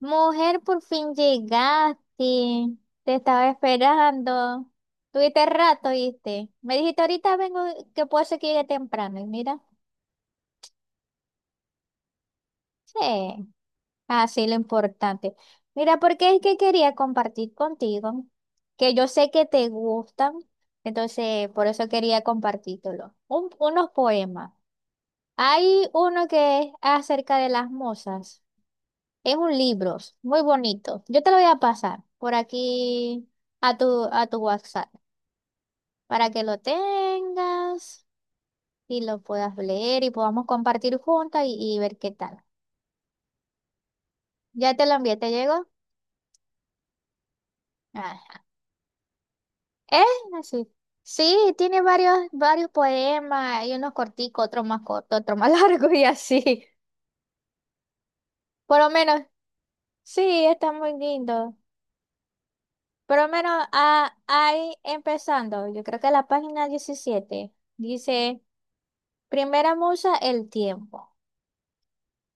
Mujer, por fin llegaste. Te estaba esperando. Tuviste rato, ¿viste? Me dijiste ahorita vengo, que puede ser que llegue temprano. Y mira, sí, así lo importante. Mira, porque es que quería compartir contigo, que yo sé que te gustan, entonces por eso quería compartírtelo. Unos poemas. Hay uno que es acerca de las musas. Es un libro muy bonito. Yo te lo voy a pasar por aquí a tu WhatsApp para que lo tengas y lo puedas leer y podamos compartir juntas y ver qué tal. Ya te lo envié, ¿te llegó? Ah, es así. Sí, sí, tiene varios poemas, hay unos corticos, otros más cortos, otros más largos y así. Por lo menos, sí, está muy lindo. Por lo menos ahí empezando, yo creo que la página 17 dice... Primera musa, el tiempo.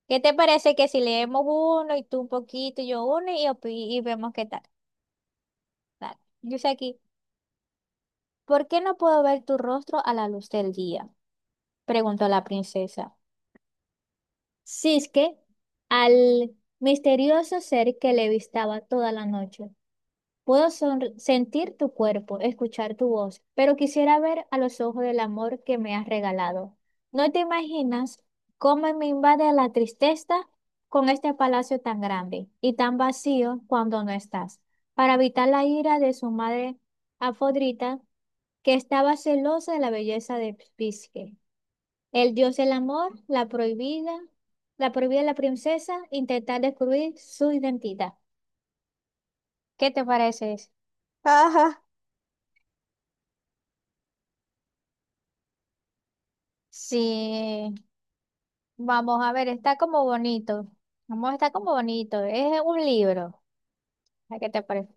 ¿Qué te parece que si leemos uno y tú un poquito y yo uno y vemos qué tal? Dale. Dice aquí, ¿por qué no puedo ver tu rostro a la luz del día? Preguntó la princesa. Cisque al misterioso ser que le vistaba toda la noche. Puedo sentir tu cuerpo, escuchar tu voz, pero quisiera ver a los ojos del amor que me has regalado. No te imaginas cómo me invade la tristeza con este palacio tan grande y tan vacío cuando no estás. Para evitar la ira de su madre Afrodita, que estaba celosa de la belleza de Pisque. El dios del amor, la prohibida de la princesa, intentar descubrir su identidad. ¿Qué te parece eso? Sí, vamos a ver, está como bonito. Vamos, está como bonito. Es un libro. ¿A qué te parece?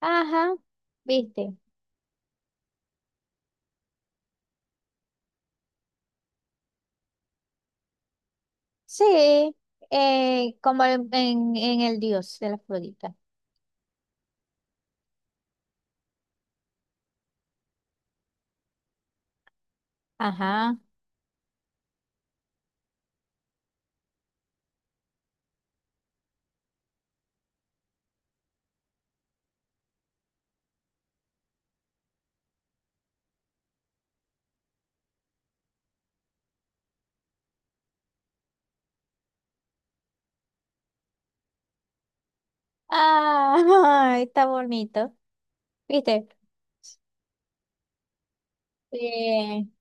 Ajá, ¿viste? Sí, como en el dios de la Afrodita. Ajá. Ah, está bonito. ¿Viste? Sí,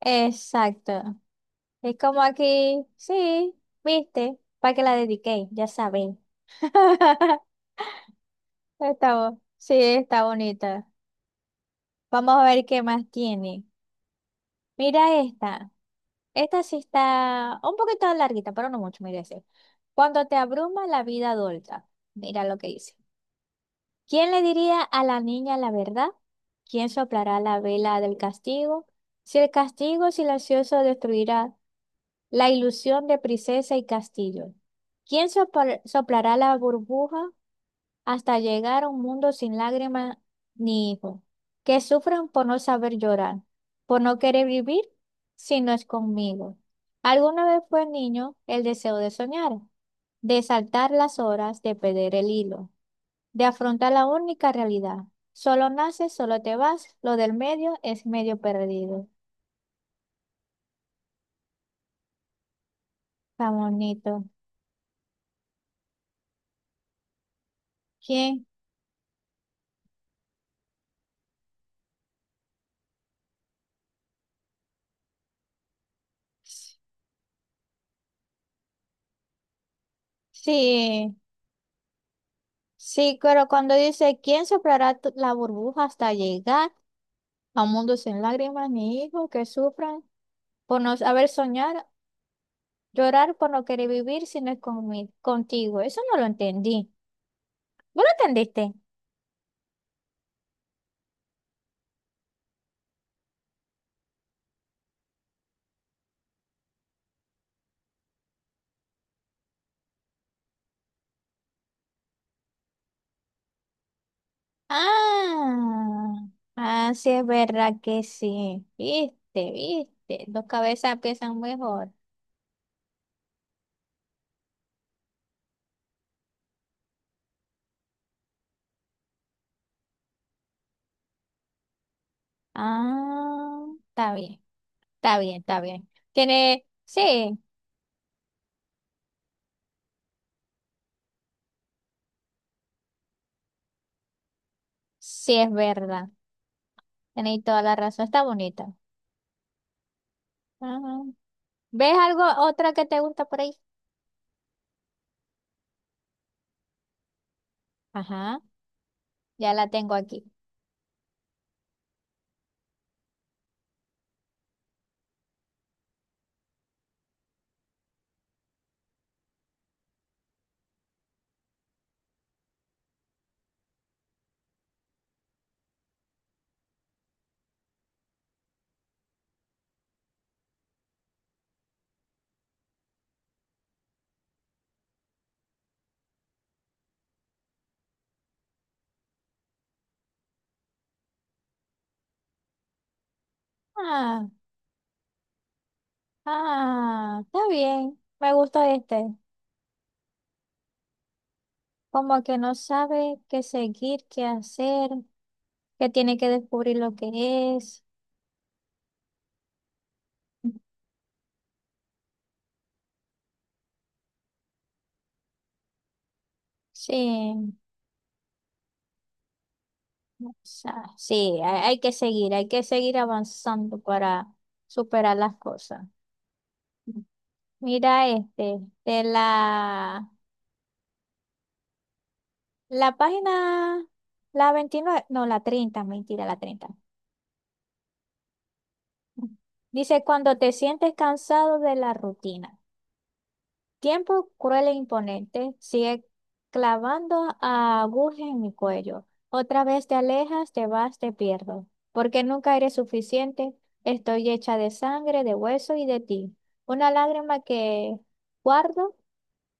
exacto. Es como aquí, sí, ¿viste? Para que la dediqué, ya saben. Está, sí, está bonita. Vamos a ver qué más tiene. Mira esta. Esta sí está un poquito larguita, pero no mucho, mira ese. Cuando te abruma la vida adulta, mira lo que dice. ¿Quién le diría a la niña la verdad? ¿Quién soplará la vela del castigo? Si el castigo silencioso destruirá la ilusión de princesa y castillo. ¿Quién soplará la burbuja hasta llegar a un mundo sin lágrimas ni hijos, que sufren por no saber llorar, por no querer vivir si no es conmigo? Alguna vez fue niño el deseo de soñar, de saltar las horas, de perder el hilo, de afrontar la única realidad. Solo naces, solo te vas, lo del medio es medio perdido. Está bonito. ¿Quién? Sí, sí, pero cuando dice, ¿quién soplará la burbuja hasta llegar a un mundo sin lágrimas ni hijos que sufran por no saber soñar, llorar por no querer vivir si no es contigo? Eso no lo entendí. ¿Vos lo entendiste? Ah, ah, sí es verdad que sí. Viste, viste. Dos cabezas piensan mejor. Ah, está bien, está bien, está bien. Tiene, sí, sí es verdad. Tenéis toda la razón. Está bonita. Ajá. ¿Ves algo, otra que te gusta por ahí? Ajá, ya la tengo aquí. Ah, ah, está bien. Me gusta este. Como que no sabe qué seguir, qué hacer, que tiene que descubrir lo que es. Sí, o sea, sí, hay que seguir, hay que seguir avanzando para superar las cosas. Mira este, de la página, la 29, no, la 30, mentira, la 30. Dice, cuando te sientes cansado de la rutina. Tiempo cruel e imponente sigue clavando agujas en mi cuello. Otra vez te alejas, te vas, te pierdo. Porque nunca eres suficiente. Estoy hecha de sangre, de hueso y de ti. Una lágrima que guardo,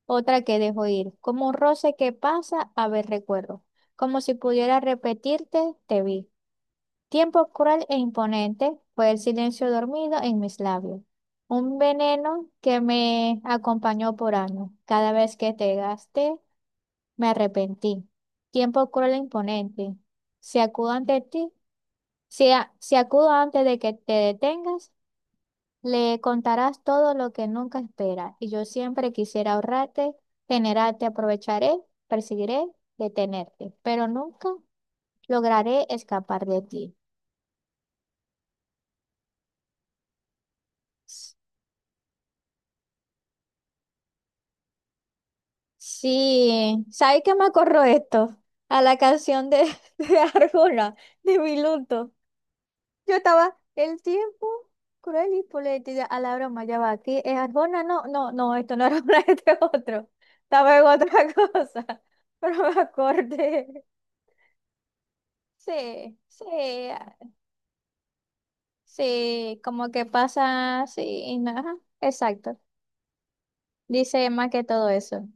otra que dejo ir. Como un roce que pasa, a ver recuerdo. Como si pudiera repetirte, te vi. Tiempo cruel e imponente fue el silencio dormido en mis labios, un veneno que me acompañó por años. Cada vez que te gasté, me arrepentí. Tiempo cruel e imponente, si acudo ante ti, si acudo antes de que te detengas, le contarás todo lo que nunca esperas. Y yo siempre quisiera ahorrarte, generarte, aprovecharé, perseguiré, detenerte, pero nunca lograré escapar de ti. Sí, ¿sabes qué me acuerdo esto? A la canción de, de Arjona, de Miluto. Yo estaba, el tiempo cruel y política, a la broma, ya va, aquí es Arjona, no, no, no, esto no era Arjona, este es otro. Estaba en otra cosa, pero me acordé. Sí, sí, ah, sí, como que pasa, sí, ajá, exacto. Dice más que todo eso.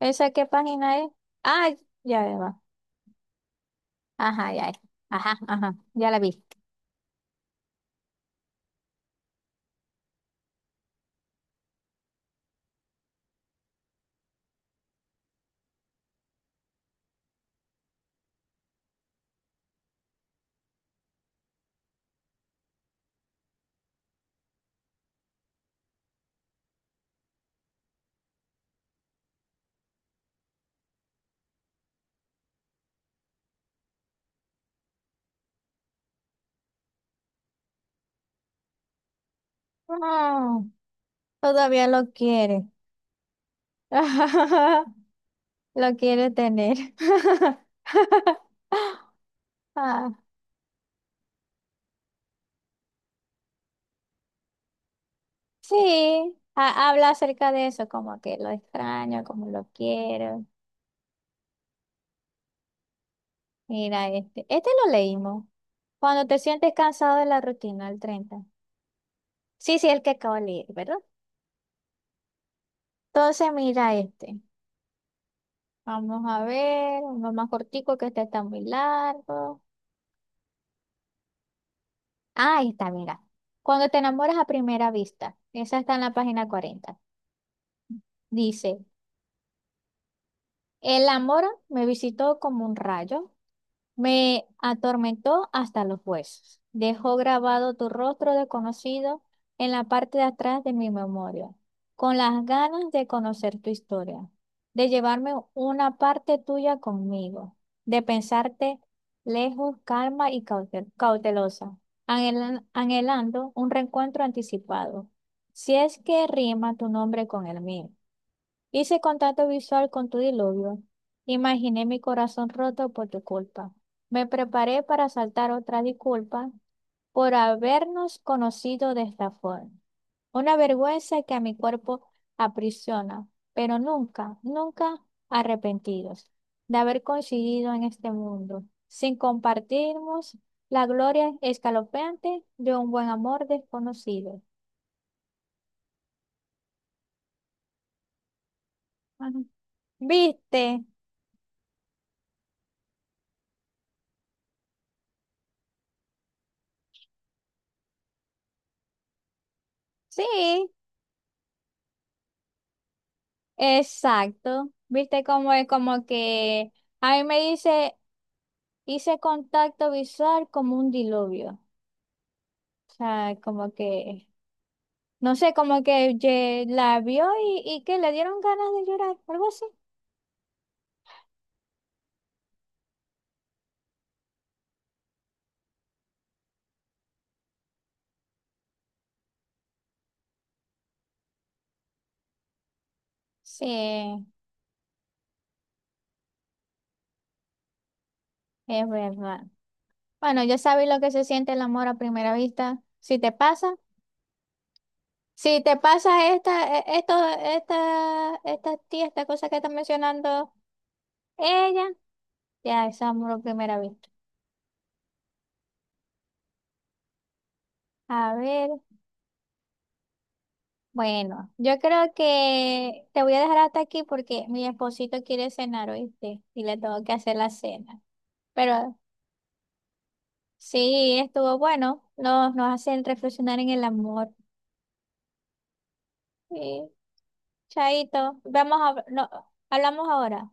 ¿Esa qué página es? Ah, ya va. Ajá, ya, ya. Ajá, ajá, ya la vi. Ah, todavía lo quiere. Lo quiere tener. Ah, sí, habla acerca de eso, como que lo extraño, como lo quiero. Mira, este lo leímos. Cuando te sientes cansado de la rutina, el 30. Sí, sí, el que acabo de leer, ¿verdad? Entonces, mira este. Vamos a ver, uno más cortico que este está muy largo. Ah, ahí está, mira. Cuando te enamoras a primera vista, esa está en la página 40. Dice, el amor me visitó como un rayo. Me atormentó hasta los huesos. Dejó grabado tu rostro desconocido en la parte de atrás de mi memoria, con las ganas de conocer tu historia, de llevarme una parte tuya conmigo, de pensarte lejos, calma y cautelosa, anhelando un reencuentro anticipado, si es que rima tu nombre con el mío. Hice contacto visual con tu diluvio. Imaginé mi corazón roto por tu culpa. Me preparé para saltar otra disculpa por habernos conocido de esta forma. Una vergüenza que a mi cuerpo aprisiona, pero nunca, nunca arrepentidos de haber coincidido en este mundo, sin compartirnos la gloria escalofriante de un buen amor desconocido. Ajá. ¿Viste? Sí. Exacto. Viste cómo es como que a mí me dice, hice contacto visual como un diluvio. O sea, como que, no sé, como que la vio y que le dieron ganas de llorar, algo así. Sí, es verdad. Bueno, ya sabes lo que se siente el amor a primera vista. Si te pasa esta tía, esta cosa que está mencionando ella, ya es amor a primera vista. A ver. Bueno, yo creo que te voy a dejar hasta aquí porque mi esposito quiere cenar, ¿oíste? Y le tengo que hacer la cena. Pero sí, estuvo bueno. Nos hacen reflexionar en el amor. Sí, chaito. Vamos a, no, hablamos ahora.